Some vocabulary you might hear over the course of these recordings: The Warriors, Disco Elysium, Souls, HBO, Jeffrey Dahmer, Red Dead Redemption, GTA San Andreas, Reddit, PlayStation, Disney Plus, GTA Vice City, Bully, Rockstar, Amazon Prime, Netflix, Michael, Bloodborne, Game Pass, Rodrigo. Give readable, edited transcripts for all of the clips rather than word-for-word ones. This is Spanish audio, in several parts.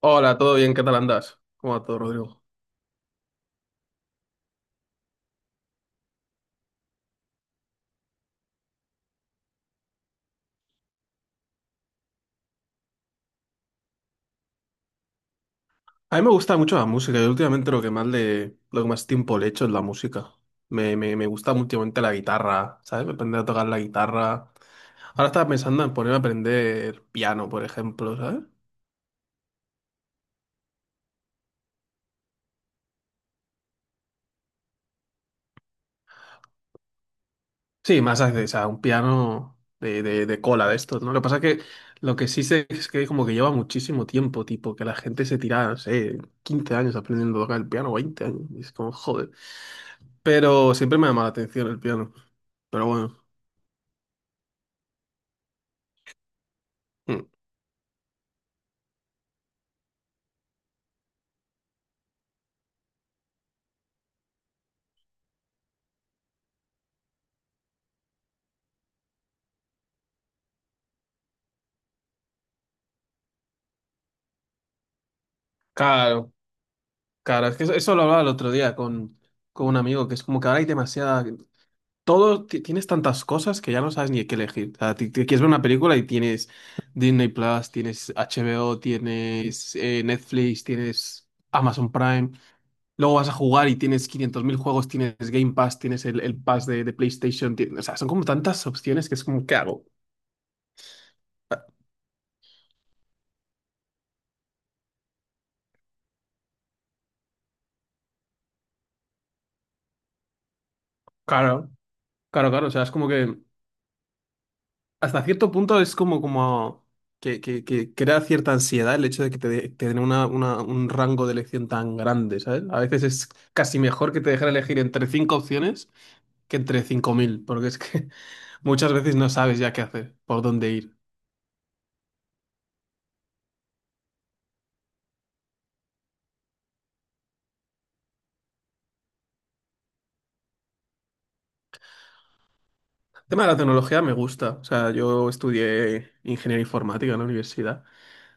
Hola, ¿todo bien? ¿Qué tal andas? ¿Cómo va todo, Rodrigo? A mí me gusta mucho la música y últimamente lo que más tiempo le echo es la música. Me gusta últimamente la guitarra, ¿sabes? Aprender a tocar la guitarra. Ahora estaba pensando en ponerme a aprender piano, por ejemplo, ¿sabes? Sí, más acceso, o sea, un piano de cola de estos, ¿no? Lo que pasa es que lo que sí sé es que como que lleva muchísimo tiempo, tipo, que la gente se tira, no sé, 15 años aprendiendo a tocar el piano, 20 años. Y es como, joder. Pero siempre me ha llamado la atención el piano. Pero bueno. Mm. Claro, claro, es que eso lo hablaba el otro día con un amigo, que es como que ahora hay demasiada. Todo, tienes tantas cosas que ya no sabes ni qué elegir. O sea, ti- ti quieres ver una película y tienes Disney Plus, tienes HBO, tienes Netflix, tienes Amazon Prime. Luego vas a jugar y tienes 500.000 juegos, tienes Game Pass, tienes el Pass de PlayStation. O sea, son como tantas opciones que es como, ¿qué hago? Claro, claro, claro. O sea, es como que hasta cierto punto es como que crea cierta ansiedad el hecho de que te den un rango de elección tan grande, ¿sabes? A veces es casi mejor que te dejen elegir entre cinco opciones que entre 5.000, porque es que muchas veces no sabes ya qué hacer, por dónde ir. El tema de la tecnología me gusta, o sea, yo estudié ingeniería informática en la universidad.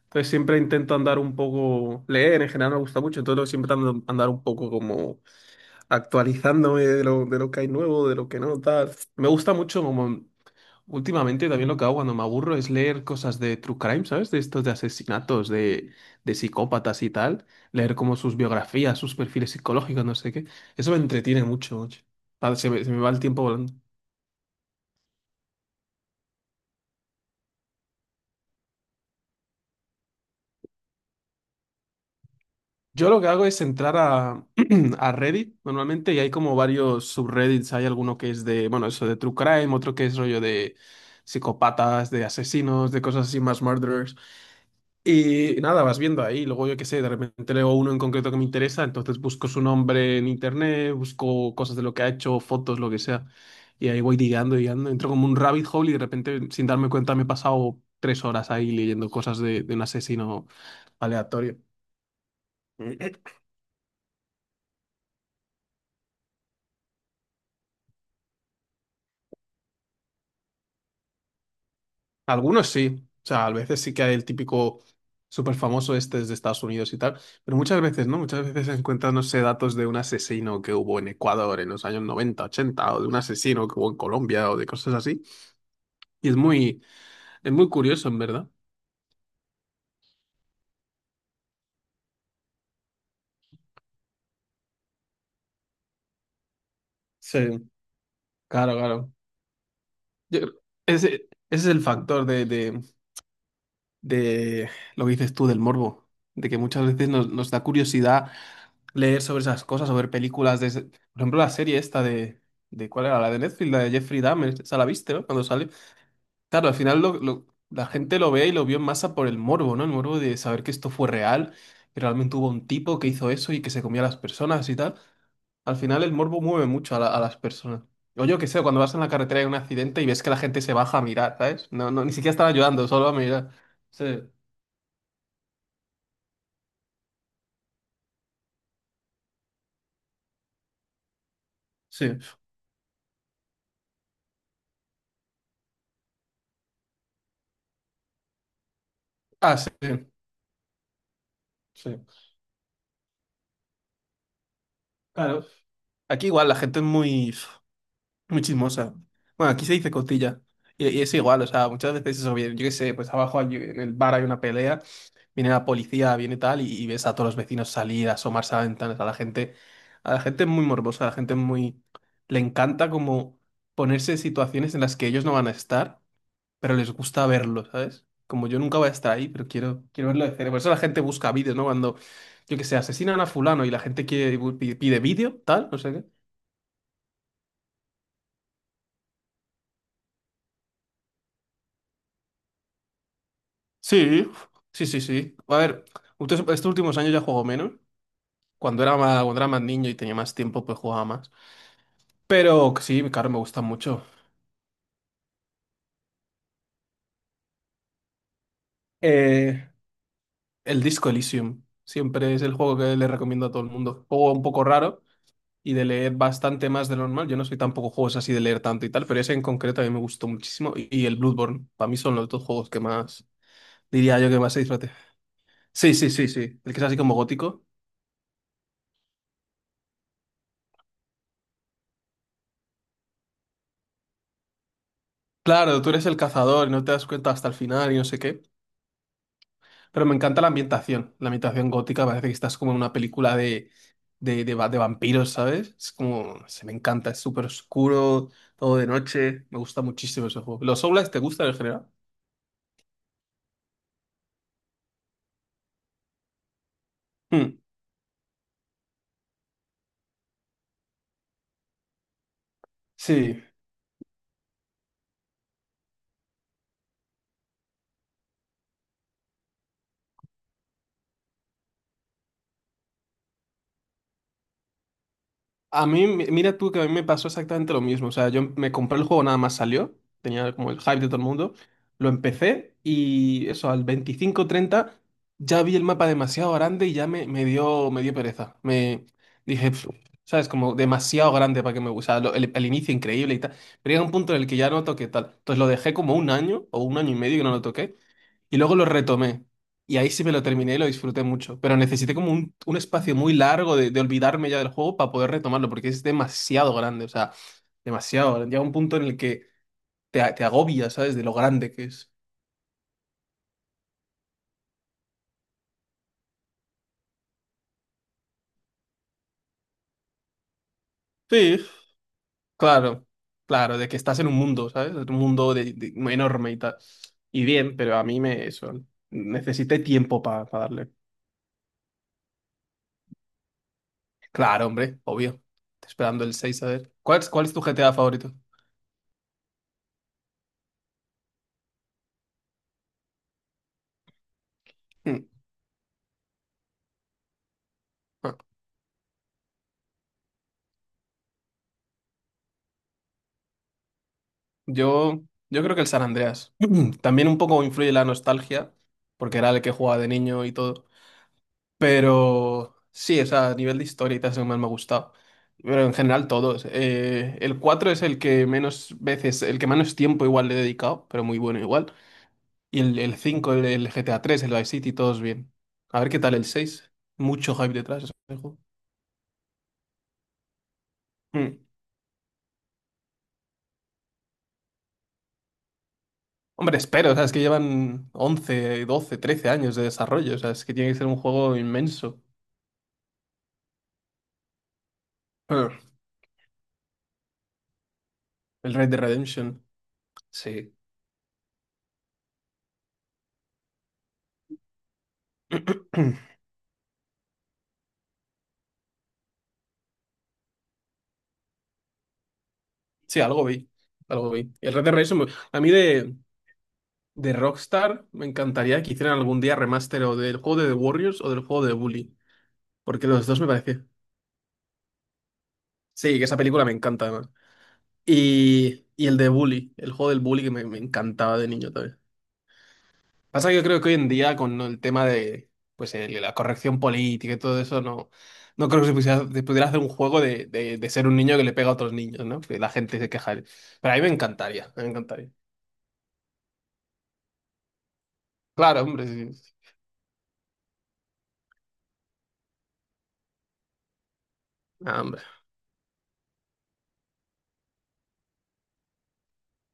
Entonces siempre intento andar un poco, leer en general me gusta mucho, entonces siempre andar un poco como actualizándome de lo que hay nuevo, de lo que no, tal. Me gusta mucho como últimamente también lo que hago cuando me aburro es leer cosas de true crime, ¿sabes? De estos de asesinatos, de psicópatas y tal. Leer como sus biografías, sus perfiles psicológicos, no sé qué. Eso me entretiene mucho, mucho. Ah, se me va el tiempo volando. Yo lo que hago es entrar a, a Reddit normalmente y hay como varios subreddits. Hay alguno que es de, bueno, eso de true crime, otro que es rollo de psicópatas, de asesinos, de cosas así, más murderers. Y nada, vas viendo ahí, luego yo qué sé, de repente leo uno en concreto que me interesa, entonces busco su nombre en internet, busco cosas de lo que ha hecho, fotos, lo que sea, y ahí voy digando, digando, entro como un rabbit hole y de repente, sin darme cuenta, me he pasado 3 horas ahí leyendo cosas de un asesino aleatorio. Algunos sí, o sea, a veces sí que hay el típico súper famoso este es de Estados Unidos y tal, pero muchas veces no, muchas veces se encuentran, no sé, datos de un asesino que hubo en Ecuador en los años 90 80 o de un asesino que hubo en Colombia, o de cosas así, y es muy curioso, en verdad. Sí, claro, claro. Yo- ese es el factor de lo que dices tú, del morbo, de que muchas veces nos da curiosidad leer sobre esas cosas, o ver películas de. Por ejemplo, la serie esta de ¿cuál era? La de Netflix, la de Jeffrey Dahmer, esa la viste, ¿no? Cuando sale. Claro, al final la gente lo ve y lo vio en masa por el morbo, ¿no? El morbo de saber que esto fue real, que realmente hubo un tipo que hizo eso y que se comía a las personas y tal. Al final el morbo mueve mucho a las personas. O yo qué sé, cuando vas en la carretera y hay un accidente y ves que la gente se baja a mirar, ¿sabes? No, no, ni siquiera están ayudando, solo a mirar. Sí. Sí. Ah, sí, sí. Claro. Aquí igual la gente es muy, muy chismosa. Bueno, aquí se dice cotilla. Y es igual, o sea, muchas veces eso viene, yo qué sé, pues abajo en el bar hay una pelea, viene la policía, viene tal, y ves a todos los vecinos salir, asomarse a las ventanas, a la gente es muy morbosa, a la gente es muy, le encanta como ponerse en situaciones en las que ellos no van a estar pero les gusta verlo, ¿sabes? Como yo nunca voy a estar ahí, pero quiero verlo de cerca. Por eso la gente busca vídeos, ¿no? Cuando, yo que sé, asesinan a fulano y la gente quiere, pide vídeo, tal, no sé qué. Sí, sí, sí, sí. A ver, ustedes estos últimos años ya juego menos. Cuando era más niño y tenía más tiempo, pues jugaba más. Pero que sí, claro, me gusta mucho. Eh, el Disco Elysium. Siempre es el juego que le recomiendo a todo el mundo. Juego un poco raro. Y de leer bastante más de lo normal. Yo no soy tampoco juegos así de leer tanto y tal, pero ese en concreto a mí me gustó muchísimo. Y el Bloodborne, para mí son los dos juegos que más, diría yo, que más se disfruté. Sí, sí, sí, sí. El que es así como gótico. Claro, tú eres el cazador y no te das cuenta hasta el final y no sé qué. Pero me encanta la ambientación. La ambientación gótica parece que estás como en una película de de vampiros, ¿sabes? Es como, se me encanta, es súper oscuro, todo de noche. Me gusta muchísimo ese juego. ¿Los Souls te gustan en general? Hmm, sí. Mira tú que a mí me pasó exactamente lo mismo. O sea, yo me compré el juego nada más salió. Tenía como el hype de todo el mundo. Lo empecé y eso, al veinticinco treinta ya vi el mapa demasiado grande y ya me dio pereza. Me dije, "Pf", ¿sabes? Como demasiado grande para que me gusta el inicio increíble y tal. Pero llega un punto en el que ya no toqué tal. Entonces lo dejé como un año o un año y medio que no lo toqué. Y luego lo retomé. Y ahí sí me lo terminé y lo disfruté mucho. Pero necesité como un espacio muy largo de olvidarme ya del juego para poder retomarlo, porque es demasiado grande, o sea, demasiado grande. Llega un punto en el que te agobias, ¿sabes? De lo grande que es. Sí, claro, claro, de que estás en un mundo, ¿sabes? Un mundo muy enorme y tal. Y bien, pero a mí me. Eso, necesité tiempo para darle. Claro, hombre, obvio. Estoy esperando el 6 a ver. ¿Cuál es tu GTA favorito? Hmm. Ah. Yo, yo creo que el San Andreas. También un poco influye la nostalgia, porque era el que jugaba de niño y todo. Pero sí, o sea, a nivel de historia y tal es el que más me ha gustado. Pero en general todos. El 4 es el que menos veces, el que menos tiempo igual le he dedicado, pero muy bueno igual. Y el 5 el GTA 3 el Vice City, todos bien. A ver qué tal el seis. Mucho hype detrás ese juego. Mm. Hombre, espero, o sea, es que llevan 11, 12, 13 años de desarrollo, o sea, es que tiene que ser un juego inmenso. El Red Dead Redemption, sí. Sí, algo vi, algo vi. El Red Dead Redemption, a mí de Rockstar me encantaría que hicieran algún día remaster o del juego de The Warriors o del juego de Bully, porque los dos me parece. Sí, que esa película me encanta además. Y el de Bully, el juego del Bully que me encantaba de niño también. Pasa que yo creo que hoy en día con el tema de pues la corrección política y todo eso, no creo que se pudiera hacer un juego de ser un niño que le pega a otros niños, ¿no? Que la gente se queja. Pero a mí me encantaría, me encantaría. Claro, hombre, sí. Sí. Ah, hombre.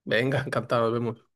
Venga, encantado, nos vemos.